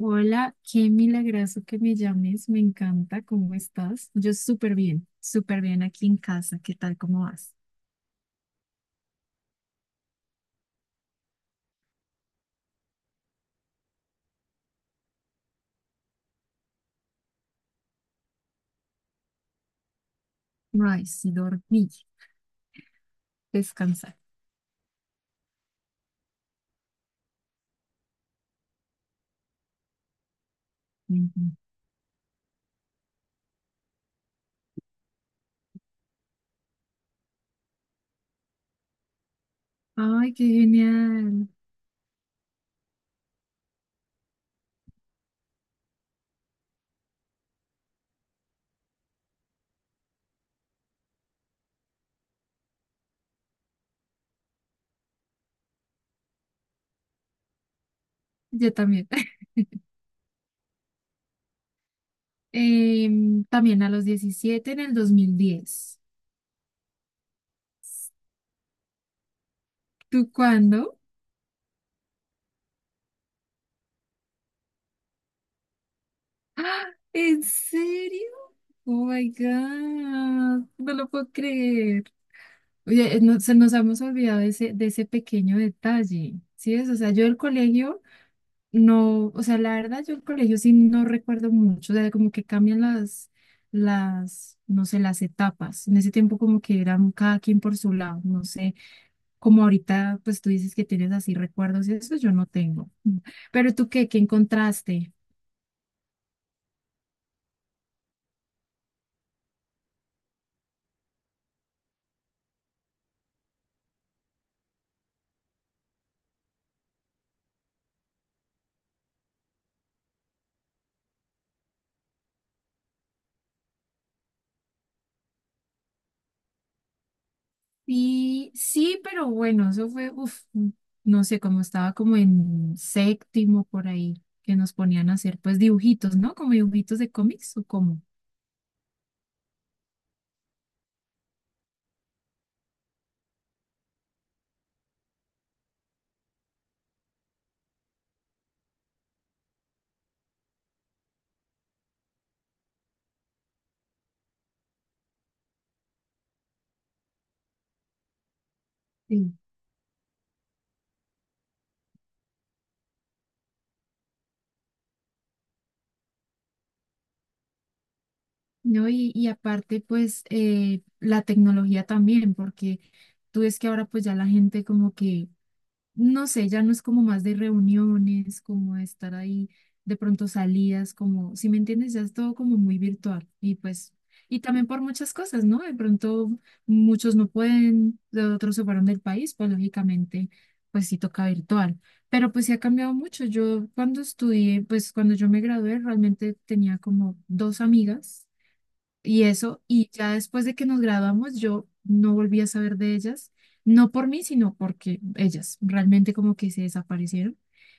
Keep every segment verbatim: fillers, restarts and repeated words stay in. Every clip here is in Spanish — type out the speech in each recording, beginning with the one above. Hola, qué milagroso que me llames, me encanta, ¿cómo estás? Yo súper bien, súper bien aquí en casa, ¿qué tal, cómo vas? Ay, sí, dormí, descansar. Ujú. Ay, qué genial, yo también. Em, también a los diecisiete en el dos mil diez. ¿Tú cuándo? ¡Ah! ¿En serio? Oh my God, no lo puedo creer. Oye, eh, no- se nos hemos olvidado de ese, de ese pequeño detalle, ¿sí es? O sea, yo del colegio. No, o sea, la verdad yo el colegio sí no recuerdo mucho, o sea, como que cambian las, las, no sé, las etapas. En ese tiempo como que eran cada quien por su lado, no sé, como ahorita pues tú dices que tienes así recuerdos y eso yo no tengo. Mm. Pero tú qué, ¿qué encontraste? Y sí, pero bueno, eso fue, uff, no sé, como estaba como en séptimo por ahí, que nos ponían a hacer pues dibujitos, ¿no? Como dibujitos de cómics o cómo. Sí. No, y, y aparte, pues, eh, la tecnología también, porque tú ves que ahora pues ya la gente como que, no sé, ya no es como más de reuniones, como de estar ahí, de pronto salidas, como, si me entiendes, ya es todo como muy virtual. Y pues, y también por muchas cosas, ¿no? De pronto muchos no pueden, de otros se fueron del país, pues lógicamente, pues sí toca virtual. Pero pues sí ha cambiado mucho. Yo cuando estudié, pues cuando yo me gradué, realmente tenía como dos amigas y eso, y ya después de que nos graduamos, yo no volví a saber de ellas, no por mí, sino porque ellas realmente como que se desaparecieron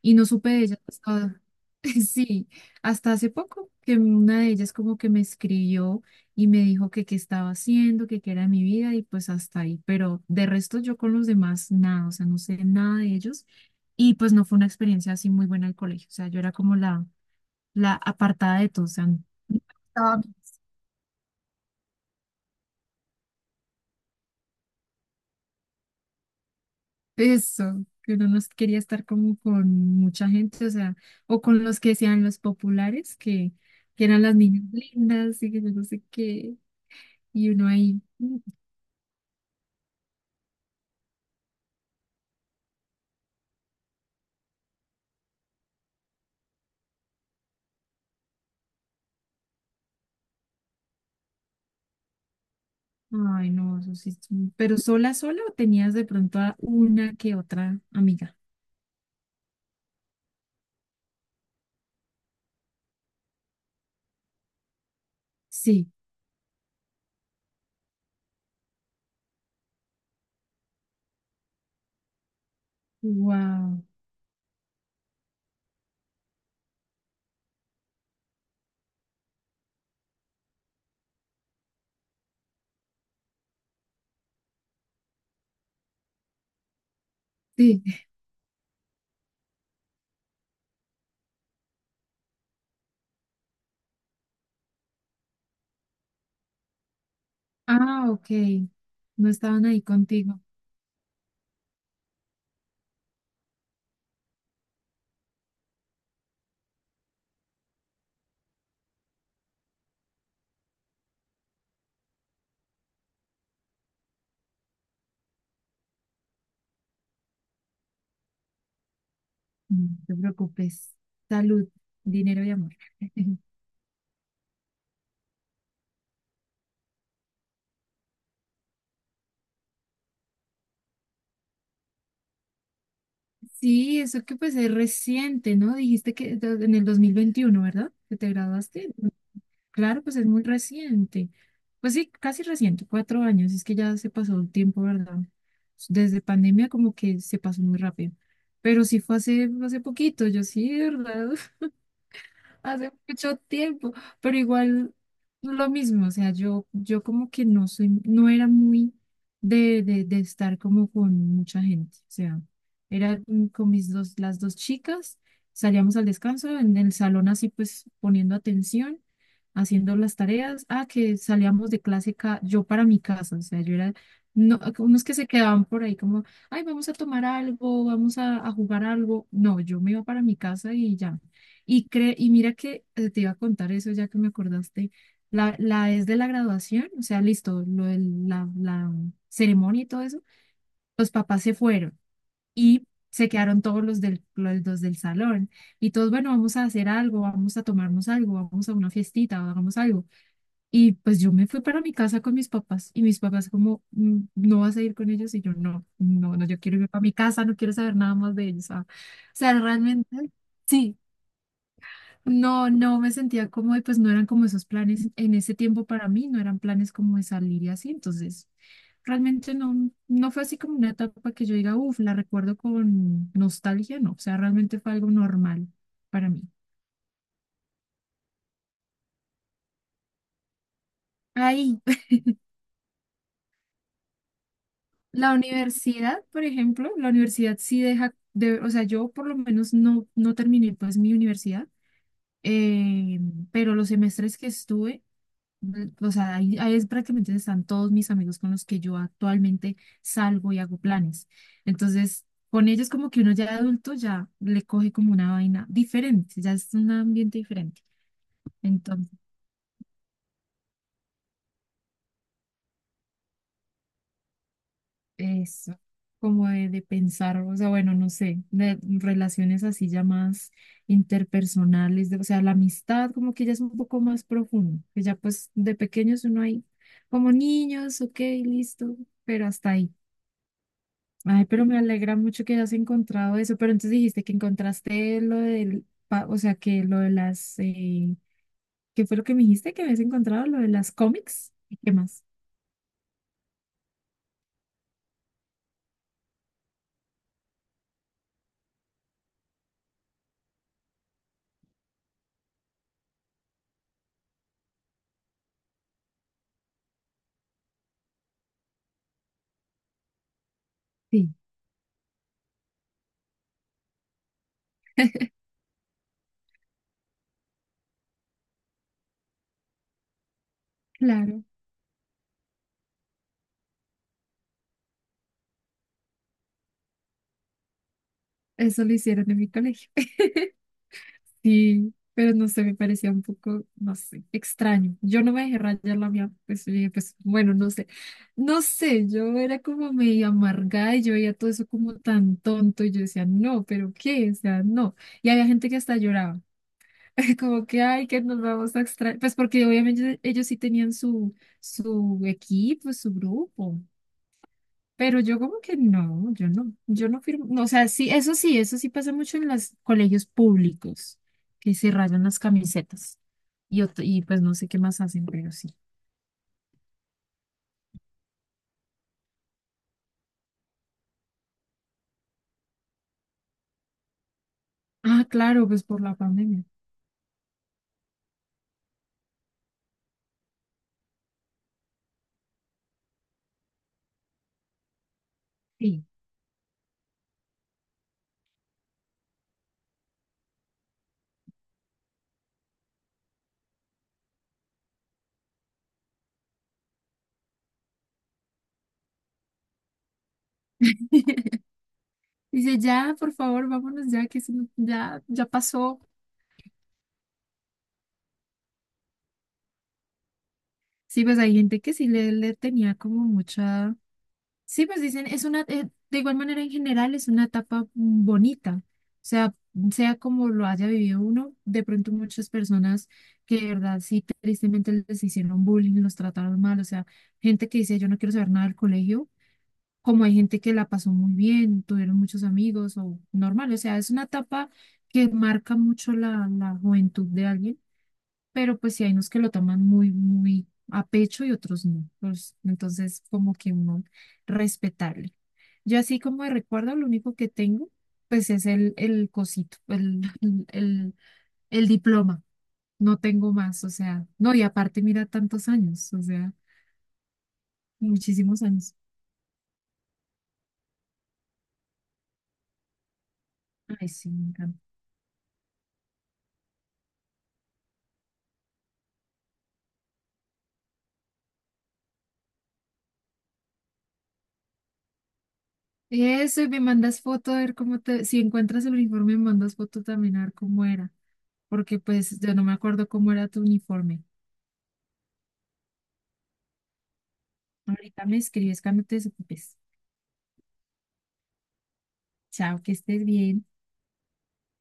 y no supe de ellas hasta, sí, hasta hace poco, que una de ellas como que me escribió y me dijo que qué estaba haciendo, que qué era mi vida y pues hasta ahí, pero de resto yo con los demás nada, o sea, no sé nada de ellos y pues no fue una experiencia así muy buena el colegio, o sea, yo era como la, la apartada de todos, o sea, eso, que uno no quería estar como con mucha gente, o sea, o con los que sean los populares, que, que eran las niñas lindas y que yo no sé qué, y uno ahí, mm, ay no, eso sí, es muy- pero sola, sola o tenías de pronto a una que otra amiga. Sí, wow, sí, ah, ok, no estaban ahí contigo. Mm, no te preocupes, salud, dinero y amor. Sí, eso que pues es reciente, ¿no? Dijiste que do- en el dos mil veintiuno, ¿verdad? Que te graduaste. Claro, pues es muy reciente. Pues sí, casi reciente, cuatro años. Es que ya se pasó el tiempo, ¿verdad? Desde pandemia como que se pasó muy rápido. Pero sí fue hace, hace poquito, yo sí, ¿verdad? Hace mucho tiempo, pero igual lo mismo, o sea, yo, yo como que no soy, no era muy de, de, de estar como con mucha gente, o sea, era con con mis dos, las dos chicas, salíamos al descanso en el salón así pues poniendo atención, haciendo las tareas, ah, que salíamos de clase ca- yo para mi casa, o sea, yo era, no, unos que se quedaban por ahí como, ay, vamos a tomar algo, vamos a, a jugar algo, no, yo me iba para mi casa y ya. Y, cre y mira que eh, te iba a contar eso ya que me acordaste. La, la Es de la graduación, o sea, listo, lo de la, la ceremonia y todo eso. Los papás se fueron y se quedaron todos los del, los dos del salón. Y todos, bueno, vamos a hacer algo, vamos a tomarnos algo, vamos a una fiestita, hagamos algo. Y pues yo me fui para mi casa con mis papás y mis papás como, "Mm, ¿no vas a ir con ellos?" Y yo, no, no, no, yo quiero irme para mi casa, no quiero saber nada más de ellos. Ah. O sea, realmente... Sí, no, no me sentía como de, pues no eran como esos planes en ese tiempo para mí, no eran planes como de salir y así, entonces realmente no, no fue así como una etapa que yo diga, uff, la recuerdo con nostalgia, no, o sea, realmente fue algo normal para mí. Ahí, la universidad, por ejemplo, la universidad sí deja, de, o sea, yo por lo menos no, no terminé pues mi universidad, eh, pero los semestres que estuve, mm, o sea, ahí, ahí es prácticamente donde están todos mis amigos con los que yo actualmente salgo y hago planes. Entonces, con ellos como que uno ya de adulto ya le coge como una vaina diferente, ya es un ambiente diferente. Entonces, eso, como de, de pensar, o sea, bueno, no sé, de relaciones así ya más interpersonales, de- o sea, la amistad como que ya es un poco más profundo, que ya pues de pequeños uno ahí como niños, ok, listo, pero hasta ahí. Ay, pero me alegra mucho que hayas encontrado eso. Pero entonces dijiste que encontraste lo del, pa- o sea, que lo de las, eh, ¿qué fue lo que me dijiste que habías encontrado? Lo de las cómics. ¿Y qué más? Sí, claro, eso lo hicieron en mi colegio. Sí, pero no sé, me parecía un poco, no sé, extraño. Yo no me dejé rayar la mía, pues, yo dije, pues bueno, no sé. No sé, yo era como medio amargada y yo veía todo eso como tan tonto y yo decía, no, pero ¿qué? O sea, no. Y había gente que hasta lloraba. Como que, ay, que nos vamos a extraer. Pues porque obviamente ellos sí tenían su, su equipo, su grupo. Pero yo como que no, yo no, yo no firmo. No, o sea, sí, eso sí, eso sí pasa mucho en los colegios públicos, que se rayan las camisetas. Y, ot- y pues no sé qué más hacen, pero sí. Ah, claro, pues por la pandemia. Sí. Dice, ya, por favor, vámonos ya, que eso no- ya, ya pasó. Sí, pues hay gente que sí le, le tenía como mucha. Sí, pues dicen, es una, eh, de igual manera en general es una etapa bonita, o sea, sea como lo haya vivido uno, de pronto muchas personas que de verdad sí tristemente les hicieron bullying, los trataron mal, o sea, gente que dice yo no quiero saber nada del colegio, como hay gente que la pasó muy bien, tuvieron muchos amigos o normal, o sea, es una etapa que marca mucho la, la juventud de alguien, pero pues sí hay unos que lo toman muy, muy a pecho y otros no. Pues, entonces, como que uno respetarle. Yo así como de recuerdo, lo único que tengo, pues es el, el cosito, el, el, el el diploma. No tengo más, o sea, no, y aparte mira tantos años, o sea, muchísimos años. Ay, sí, me encanta. Eso, y me mandas foto a ver cómo te, si encuentras el uniforme, me mandas foto también a ver cómo era, porque pues yo no me acuerdo cómo era tu uniforme. Ahorita me escribes cuando te desocupes. Chao, que estés bien.